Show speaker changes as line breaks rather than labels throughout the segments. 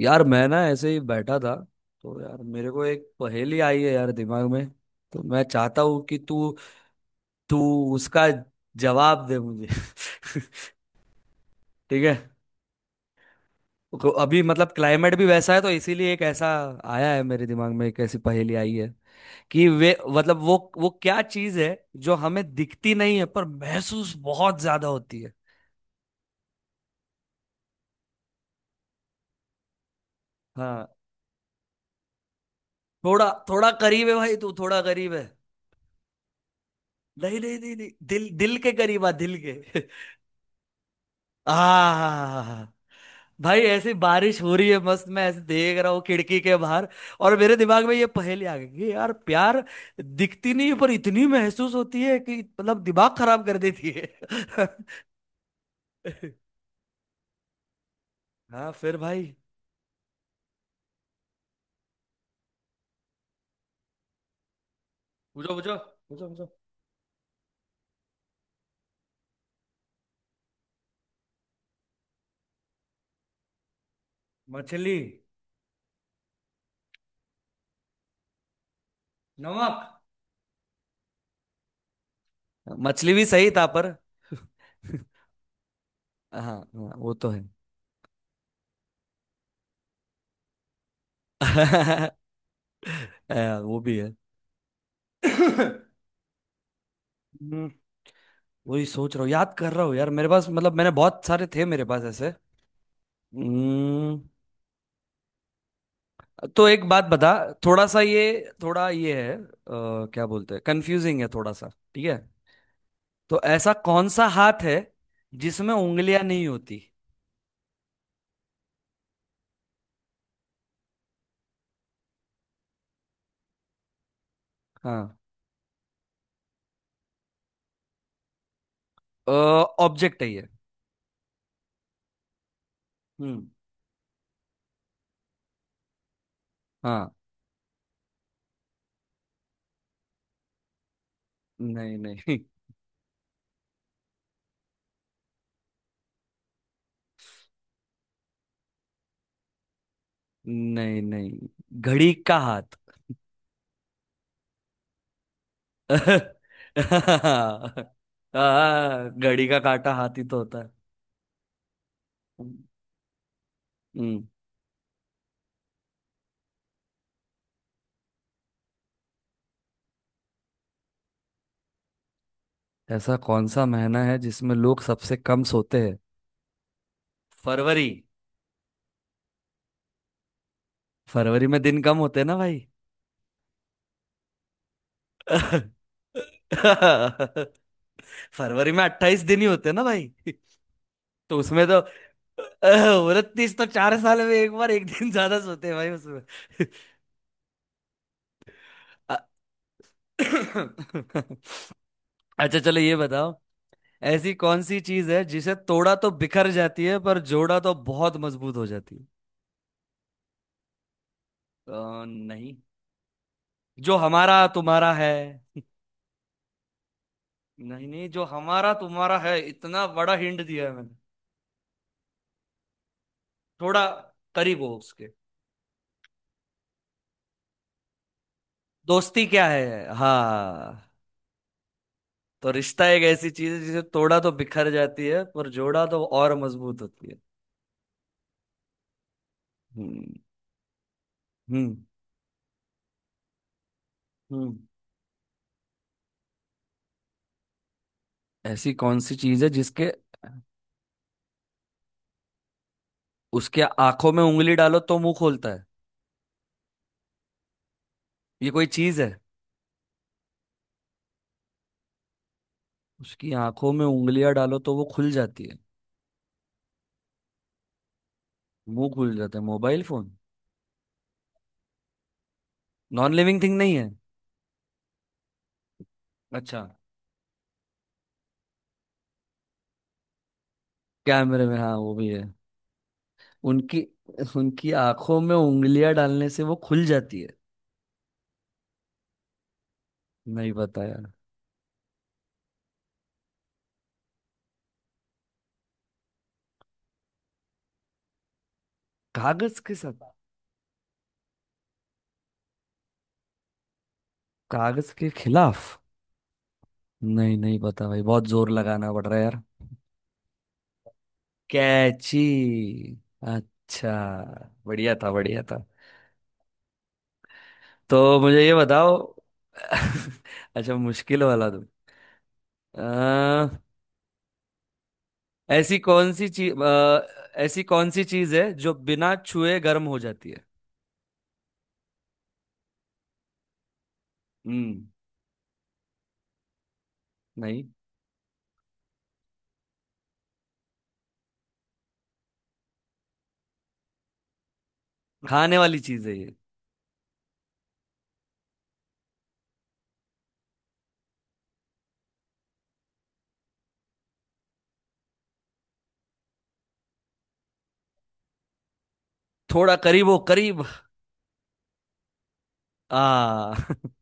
यार मैं ना ऐसे ही बैठा था। तो यार मेरे को एक पहेली आई है यार दिमाग में। तो मैं चाहता हूँ कि तू तू उसका जवाब दे मुझे। ठीक है। अभी मतलब क्लाइमेट भी वैसा है, तो इसीलिए एक ऐसा आया है मेरे दिमाग में, एक ऐसी पहेली आई है कि वे मतलब वो क्या चीज है जो हमें दिखती नहीं है पर महसूस बहुत ज्यादा होती है। हाँ, थोड़ा थोड़ा करीब है भाई, तू थोड़ा करीब है। नहीं नहीं नहीं नहीं, दिल दिल के करीब आ, दिल के। आ, भाई ऐसी बारिश हो रही है मस्त, मैं ऐसे देख रहा हूँ खिड़की के बाहर, और मेरे दिमाग में ये पहेली आ गई कि यार प्यार दिखती नहीं पर इतनी महसूस होती है कि मतलब दिमाग खराब कर देती है। हाँ फिर भाई। पूछो पूछो, पूछो पूछो। मछली। नमक। मछली भी सही था पर हाँ हाँ, वो तो है। वो भी है। हम्म। वही सोच रहा हूँ, याद कर रहा हूँ यार, मेरे पास मतलब मैंने बहुत सारे थे मेरे पास ऐसे। हम्म। तो एक बात बता। थोड़ा सा ये, थोड़ा ये है क्या बोलते हैं, कंफ्यूजिंग है थोड़ा सा। ठीक है। तो ऐसा कौन सा हाथ है जिसमें उंगलियां नहीं होती। हाँ, ऑब्जेक्ट है ये। हम्म। हाँ। नहीं नहीं। नहीं नहीं, घड़ी का हाथ। हाँ, घड़ी का काटा हाथ ही तो होता है। हम्म। ऐसा कौन सा महीना है जिसमें लोग सबसे कम सोते हैं। फरवरी। फरवरी में दिन कम होते हैं ना भाई। फरवरी में अट्ठाईस दिन ही होते हैं ना भाई। तो उसमें तो उनतीस तो चार साल में एक बार एक दिन ज्यादा सोते हैं भाई उसमें। अ- अच्छा चलो ये बताओ, ऐसी कौन सी चीज है जिसे तोड़ा तो बिखर जाती है पर जोड़ा तो बहुत मजबूत हो जाती है। नहीं, जो हमारा तुम्हारा है। नहीं नहीं, जो हमारा तुम्हारा है, इतना बड़ा हिंट दिया है मैंने। थोड़ा करीब हो उसके। दोस्ती क्या है, हाँ। तो रिश्ता एक ऐसी चीज है जिसे तोड़ा तो बिखर जाती है पर जोड़ा तो और मजबूत होती है। हम्म। हम्म। हम्म। ऐसी कौन सी चीज है जिसके उसके आंखों में उंगली डालो तो मुंह खोलता है। ये कोई चीज है। उसकी आंखों में उंगलियां डालो तो वो खुल जाती है। मुंह खुल जाता है, mobile phone. Non living thing नहीं है। अच्छा। कैमरे में, हाँ वो भी है। उनकी उनकी आंखों में उंगलियां डालने से वो खुल जाती है। नहीं पता यार। कागज के साथ। कागज के खिलाफ। नहीं, नहीं पता भाई, बहुत जोर लगाना पड़ रहा है यार। कैची। अच्छा। बढ़िया था, बढ़िया था। तो मुझे ये बताओ। अच्छा मुश्किल वाला तुम। अ, ऐसी कौन सी चीज, ऐसी कौन सी चीज है जो बिना छुए गर्म हो जाती है। हम्म। नहीं। खाने वाली चीज है ये। थोड़ा करीब हो, करीब। आ।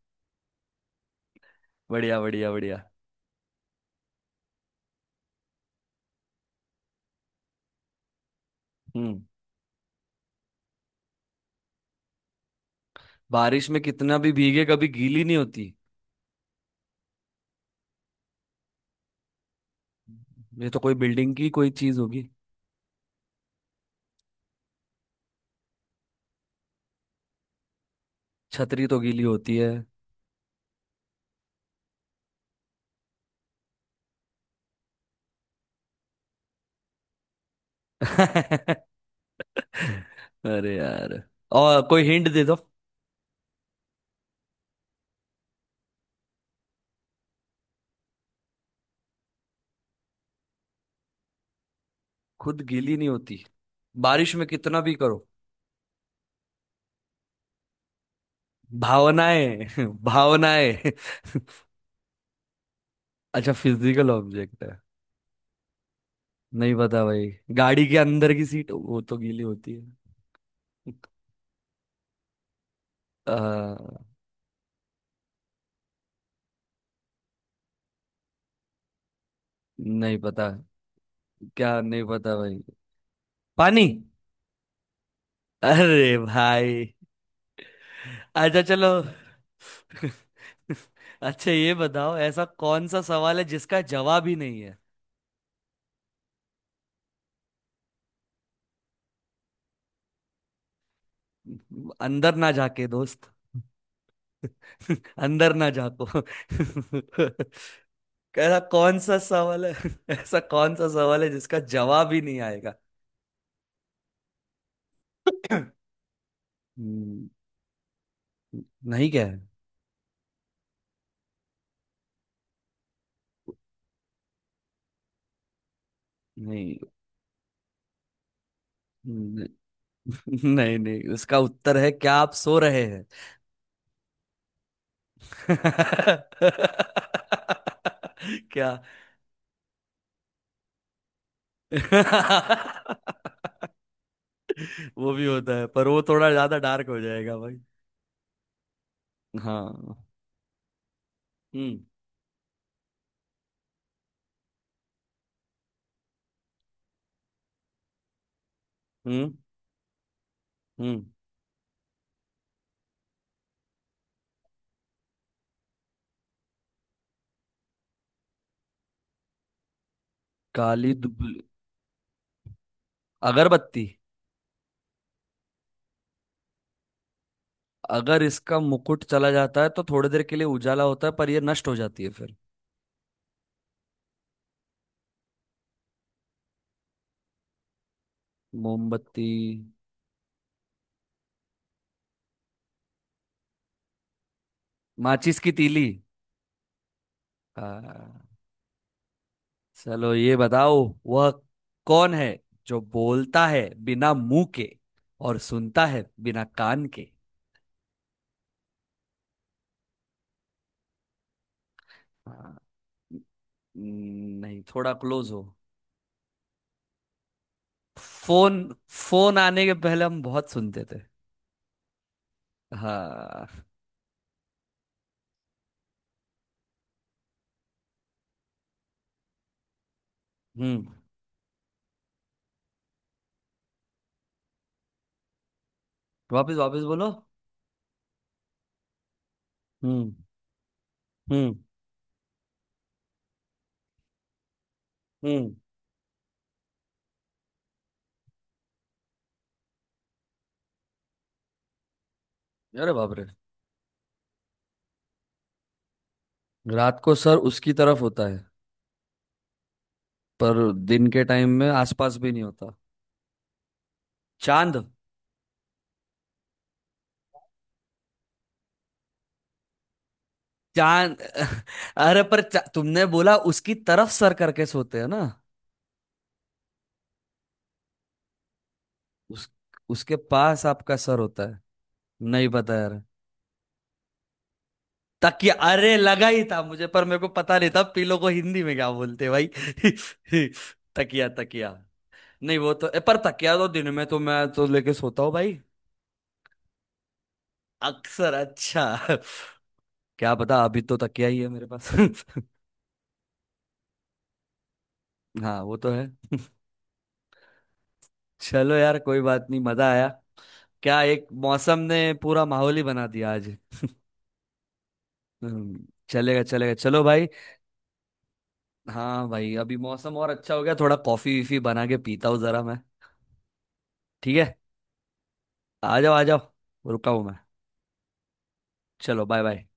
बढ़िया बढ़िया बढ़िया। हम्म। बारिश में कितना भी भीगे कभी गीली नहीं होती। ये तो कोई बिल्डिंग की कोई चीज होगी। छतरी तो गीली होती है। अरे यार, और कोई हिंट दे दो। खुद गीली नहीं होती, बारिश में कितना भी करो। भावनाएं। भावनाएं। अच्छा, फिजिकल ऑब्जेक्ट है। नहीं पता भाई। गाड़ी के अंदर की सीट, वो तो गीली होती है। आ, नहीं पता। क्या, नहीं पता भाई। पानी। अरे भाई। अच्छा चलो। अच्छा ये बताओ, ऐसा कौन सा सवाल है जिसका जवाब ही नहीं है। अंदर ना जाके दोस्त, अंदर ना जाको। ऐसा कौन सा सवाल है, ऐसा कौन सा सवाल है जिसका जवाब ही नहीं आएगा। हम्म, नहीं क्या है। नहीं नहीं नहीं नहीं, उसका उत्तर है क्या आप सो रहे हैं। क्या। वो भी होता है पर वो थोड़ा ज्यादा डार्क हो जाएगा भाई। हाँ। हम्म। हम्म। हम्म। काली दुबली। अगरबत्ती। अगर इसका मुकुट चला जाता है तो थोड़ी देर के लिए उजाला होता है पर ये नष्ट हो जाती है फिर। मोमबत्ती। माचिस की तीली। हाँ। चलो ये बताओ, वह कौन है जो बोलता है बिना मुंह के और सुनता है बिना कान के। हाँ, न- नहीं थोड़ा क्लोज हो। फोन। फोन आने के पहले हम बहुत सुनते थे। हाँ। हम्म। वापिस वापिस बोलो। हम्म। हम्म। हम्म। अरे बाप रे। रात को सर उसकी तरफ होता है पर दिन के टाइम में आसपास भी नहीं होता। चांद। चांद। अरे पर चा... तुमने बोला उसकी तरफ सर करके सोते हैं ना। उस उसके पास आपका सर होता है। नहीं पता यार। तकिया, अरे लगा ही था मुझे पर मेरे को पता नहीं था पीलो को हिंदी में क्या बोलते हैं भाई। तकिया तकिया। नहीं वो तो ए, पर तकिया तो दिन में तो मैं तो लेके सोता हूँ भाई। अक्सर, अच्छा। क्या पता, अभी तो तकिया ही है मेरे पास। हाँ वो तो है। चलो यार कोई बात नहीं, मजा आया। क्या एक मौसम ने पूरा माहौल ही बना दिया आज। चलेगा चलेगा, चलो भाई। हाँ भाई, अभी मौसम और अच्छा हो गया, थोड़ा कॉफी वीफी बना के पीता हूँ जरा मैं। ठीक है। आ जाओ आ जाओ, रुका हूँ मैं। चलो बाय बाय।